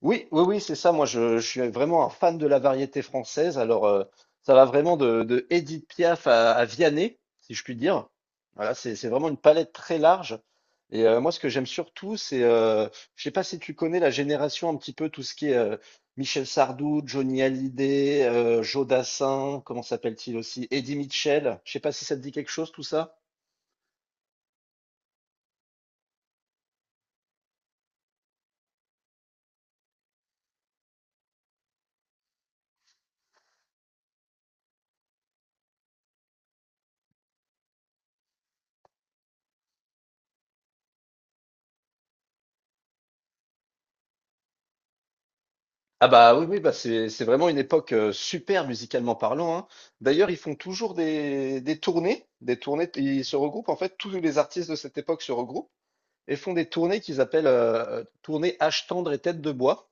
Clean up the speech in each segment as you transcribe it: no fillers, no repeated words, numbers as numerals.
Oui, oui, oui, c'est ça. Moi, je suis vraiment un fan de la variété française. Alors, ça va vraiment de Édith Piaf à Vianney, si je puis dire. Voilà, c'est vraiment une palette très large. Et moi, ce que j'aime surtout, c'est je sais pas si tu connais la génération un petit peu tout ce qui est Michel Sardou, Johnny Hallyday, Joe Dassin, comment s'appelle-t-il aussi, Eddie Mitchell. Je sais pas si ça te dit quelque chose, tout ça. Ah bah oui, oui, bah c'est vraiment une époque, super musicalement parlant, hein. D'ailleurs, ils font toujours des tournées, des tournées, ils se regroupent en fait, tous les artistes de cette époque se regroupent et font des tournées qu'ils appellent, tournées Âge tendre et tête de bois.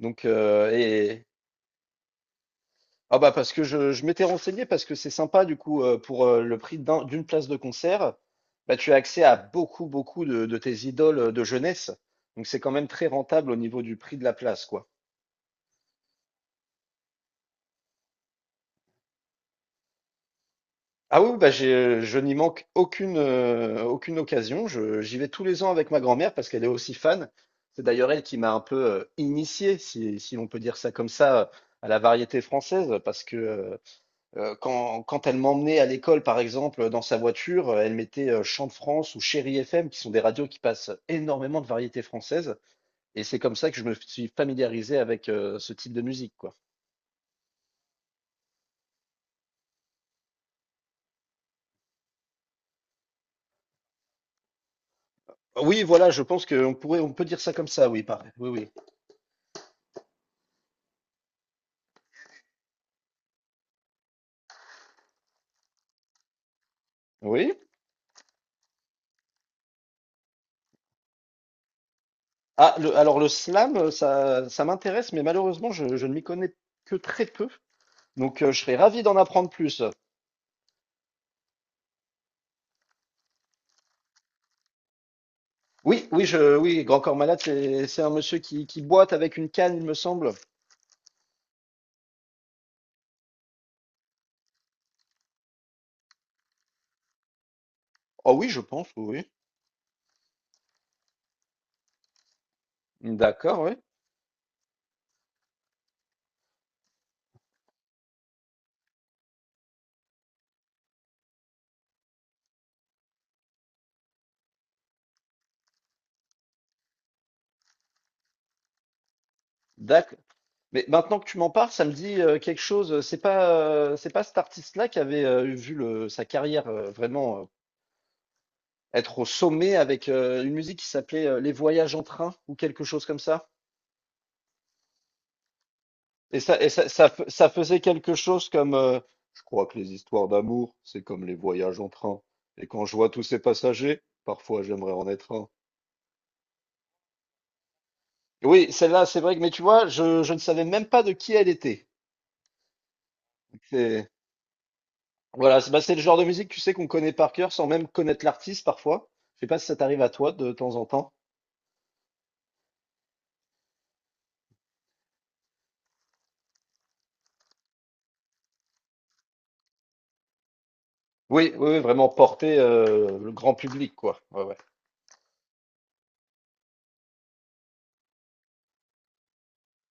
Donc, ah bah parce que je m'étais renseigné parce que c'est sympa du coup, pour, le prix d'une place de concert, bah tu as accès à beaucoup, beaucoup de tes idoles, de jeunesse. Donc c'est quand même très rentable au niveau du prix de la place, quoi. Ah oui, bah je n'y manque aucune, aucune occasion. J'y vais tous les ans avec ma grand-mère parce qu'elle est aussi fan. C'est d'ailleurs elle qui m'a un peu initié, si on peut dire ça comme ça, à la variété française. Parce que quand elle m'emmenait à l'école, par exemple, dans sa voiture, elle mettait Chant de France ou Chéri FM, qui sont des radios qui passent énormément de variétés françaises. Et c'est comme ça que je me suis familiarisé avec ce type de musique, quoi. Oui, voilà, je pense on peut dire ça comme ça, oui, pareil. Oui, oui. Oui. Alors le slam, ça m'intéresse, mais malheureusement, je ne m'y connais que très peu. Donc, je serais ravi d'en apprendre plus. Oui, Grand Corps Malade, c'est un monsieur qui boite avec une canne, il me semble. Oh oui, je pense, oui. D'accord, oui. D'accord. Mais maintenant que tu m'en parles, ça me dit quelque chose. C'est pas cet artiste-là qui avait vu sa carrière vraiment être au sommet avec une musique qui s'appelait Les Voyages en train ou quelque chose comme ça? Ça faisait quelque chose comme, je crois que les histoires d'amour, c'est comme les voyages en train. Et quand je vois tous ces passagers, parfois j'aimerais en être un. Oui, celle-là, c'est vrai que, mais tu vois, je ne savais même pas de qui elle était. C'est, voilà, c'est bah, c'est le genre de musique, tu sais, qu'on connaît par cœur sans même connaître l'artiste parfois. Je sais pas si ça t'arrive à toi de temps en temps. Oui, oui, oui, vraiment porter le grand public, quoi. Ouais, ouais.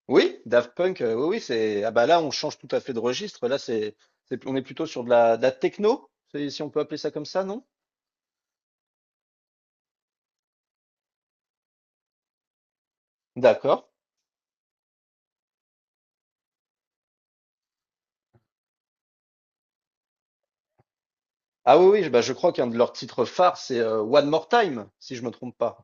Oui, Daft Punk, oui, oui, c'est. Ah bah là, on change tout à fait de registre. On est plutôt sur de la techno, si on peut appeler ça comme ça, non? D'accord. Bah, je crois qu'un de leurs titres phares, c'est One More Time, si je me trompe pas.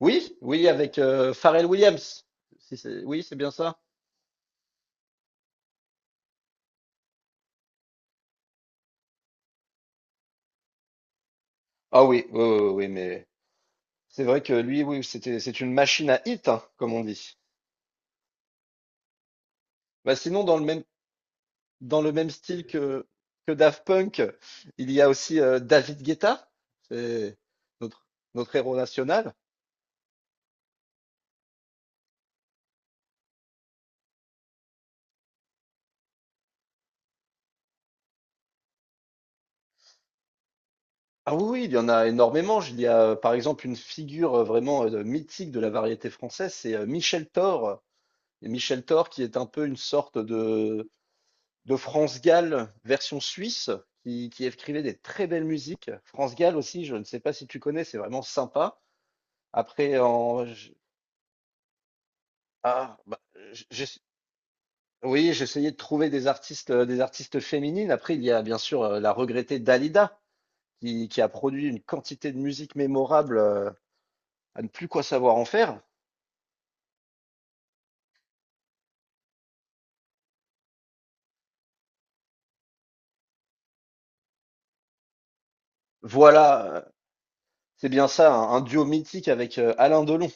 Oui, oui, avec Pharrell Williams. Si C'est, oui, c'est bien ça. Ah oui, oui, oui, oui, oui, mais c'est vrai que lui, oui, c'est une machine à hit, hein, comme on dit. Bah sinon, dans le même style que Daft Punk, il y a aussi David Guetta, c'est notre, notre héros national. Ah oui, oui, il y en a énormément. Il y a par exemple une figure vraiment mythique de la variété française, c'est Michel Thor. Et Michel Thor qui est un peu une sorte de France Gall version suisse, qui écrivait des très belles musiques. France Gall aussi, je ne sais pas si tu connais, c'est vraiment sympa. Après, en, j- ah, bah, j- j'ai- Oui, j'essayais de trouver des artistes féminines. Après, il y a bien sûr la regrettée Dalida, qui a produit une quantité de musique mémorable à ne plus quoi savoir en faire. Voilà, c'est bien ça, un duo mythique avec Alain Delon.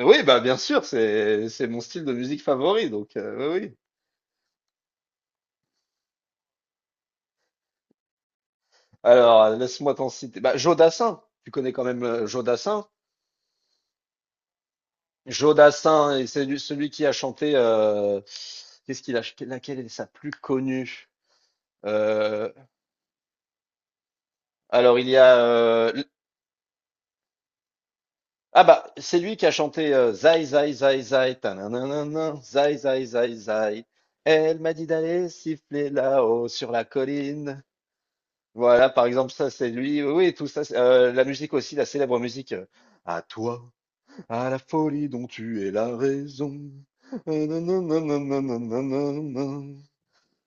Oui, bah bien sûr, c'est mon style de musique favori, donc oui, oui. Alors, laisse-moi t'en citer. Bah, Joe Dassin, tu connais quand même Joe Dassin. Celui qui a chanté. Qu'est-ce qu'il a, laquelle est sa plus connue? Euh, Alors, il y a. C'est lui qui a chanté Zai, Zai, Zai, Zai, tananana, Zai, Zai, Zai, Zai. Elle m'a dit d'aller siffler là-haut sur la colline. Voilà, par exemple, ça, c'est lui. Oui, oui, tout ça. La musique aussi, la célèbre musique. À toi, à la folie dont tu es la raison. Nanananananananana.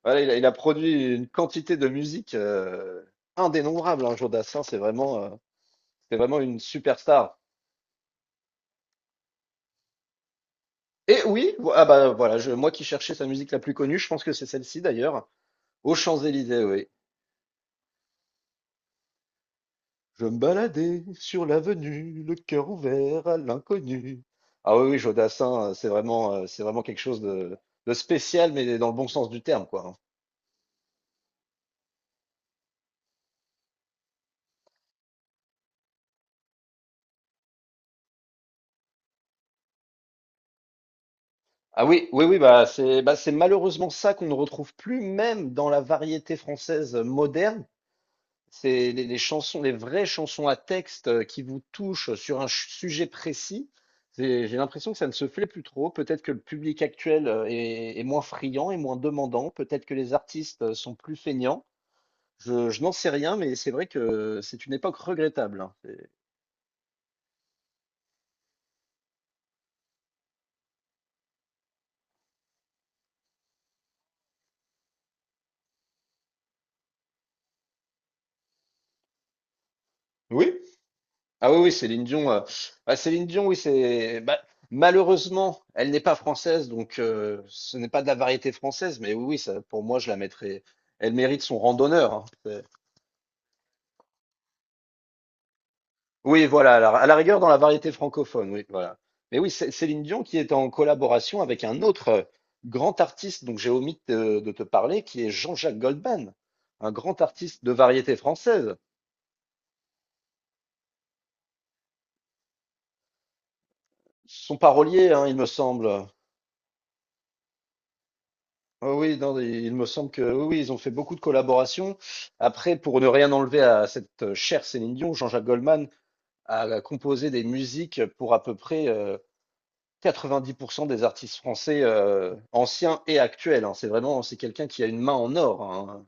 Voilà, il a produit une quantité de musique indénombrable. Hein, Joe Dassin, c'est vraiment une superstar. Moi qui cherchais sa musique la plus connue, je pense que c'est celle-ci d'ailleurs, aux Champs-Élysées, oui. Je me baladais sur l'avenue, le cœur ouvert à l'inconnu. Ah oui, oui, Jodassin, c'est vraiment quelque chose de spécial, mais dans le bon sens du terme, quoi. Ah oui, oui, oui, bah c'est malheureusement ça qu'on ne retrouve plus, même dans la variété française moderne. C'est les chansons, les vraies chansons à texte qui vous touchent sur un sujet précis. J'ai l'impression que ça ne se fait plus trop. Peut-être que le public actuel est moins friand et moins demandant. Peut-être que les artistes sont plus feignants. Je n'en sais rien, mais c'est vrai que c'est une époque regrettable, hein. Oui? Ah oui, oui, Céline Dion. Bah, Céline Dion, oui, c'est. Bah, malheureusement, elle n'est pas française, donc ce n'est pas de la variété française. Mais oui, oui, ça, pour moi, je la mettrais. Elle mérite son rang d'honneur, hein. Oui, voilà, à à la rigueur dans la variété francophone, oui, voilà. Mais oui, Céline Dion qui est en collaboration avec un autre grand artiste dont j'ai omis de te parler, qui est Jean-Jacques Goldman, un grand artiste de variété française. Son parolier, hein, il me semble. Oh oui, non, il me semble que oui, oui, ils ont fait beaucoup de collaborations. Après, pour ne rien enlever à cette chère Céline Dion, Jean-Jacques Goldman a composé des musiques pour à peu près 90% des artistes français anciens et actuels, hein. C'est vraiment, c'est quelqu'un qui a une main en or, hein.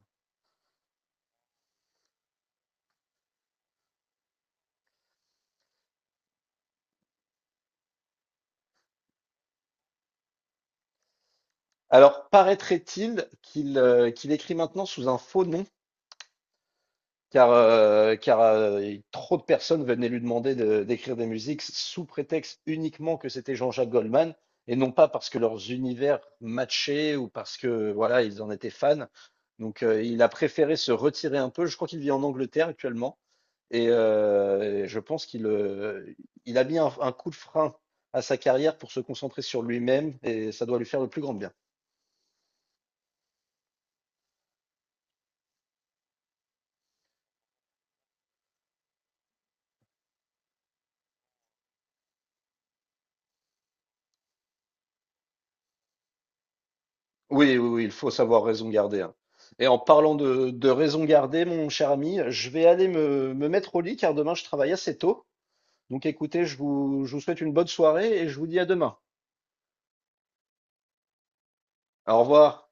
Alors, paraîtrait-il qu'il qu'il écrit maintenant sous un faux nom, car, trop de personnes venaient lui demander d'écrire des musiques sous prétexte uniquement que c'était Jean-Jacques Goldman, et non pas parce que leurs univers matchaient ou parce que voilà, ils en étaient fans. Donc, il a préféré se retirer un peu. Je crois qu'il vit en Angleterre actuellement. Et je pense qu'il il a mis un coup de frein à sa carrière pour se concentrer sur lui-même et ça doit lui faire le plus grand bien. Oui, oui, oui, il faut savoir raison garder, hein. Et en parlant de raison garder, mon cher ami, je vais aller me mettre au lit car demain je travaille assez tôt. Donc écoutez, je vous souhaite une bonne soirée et je vous dis à demain. Au revoir.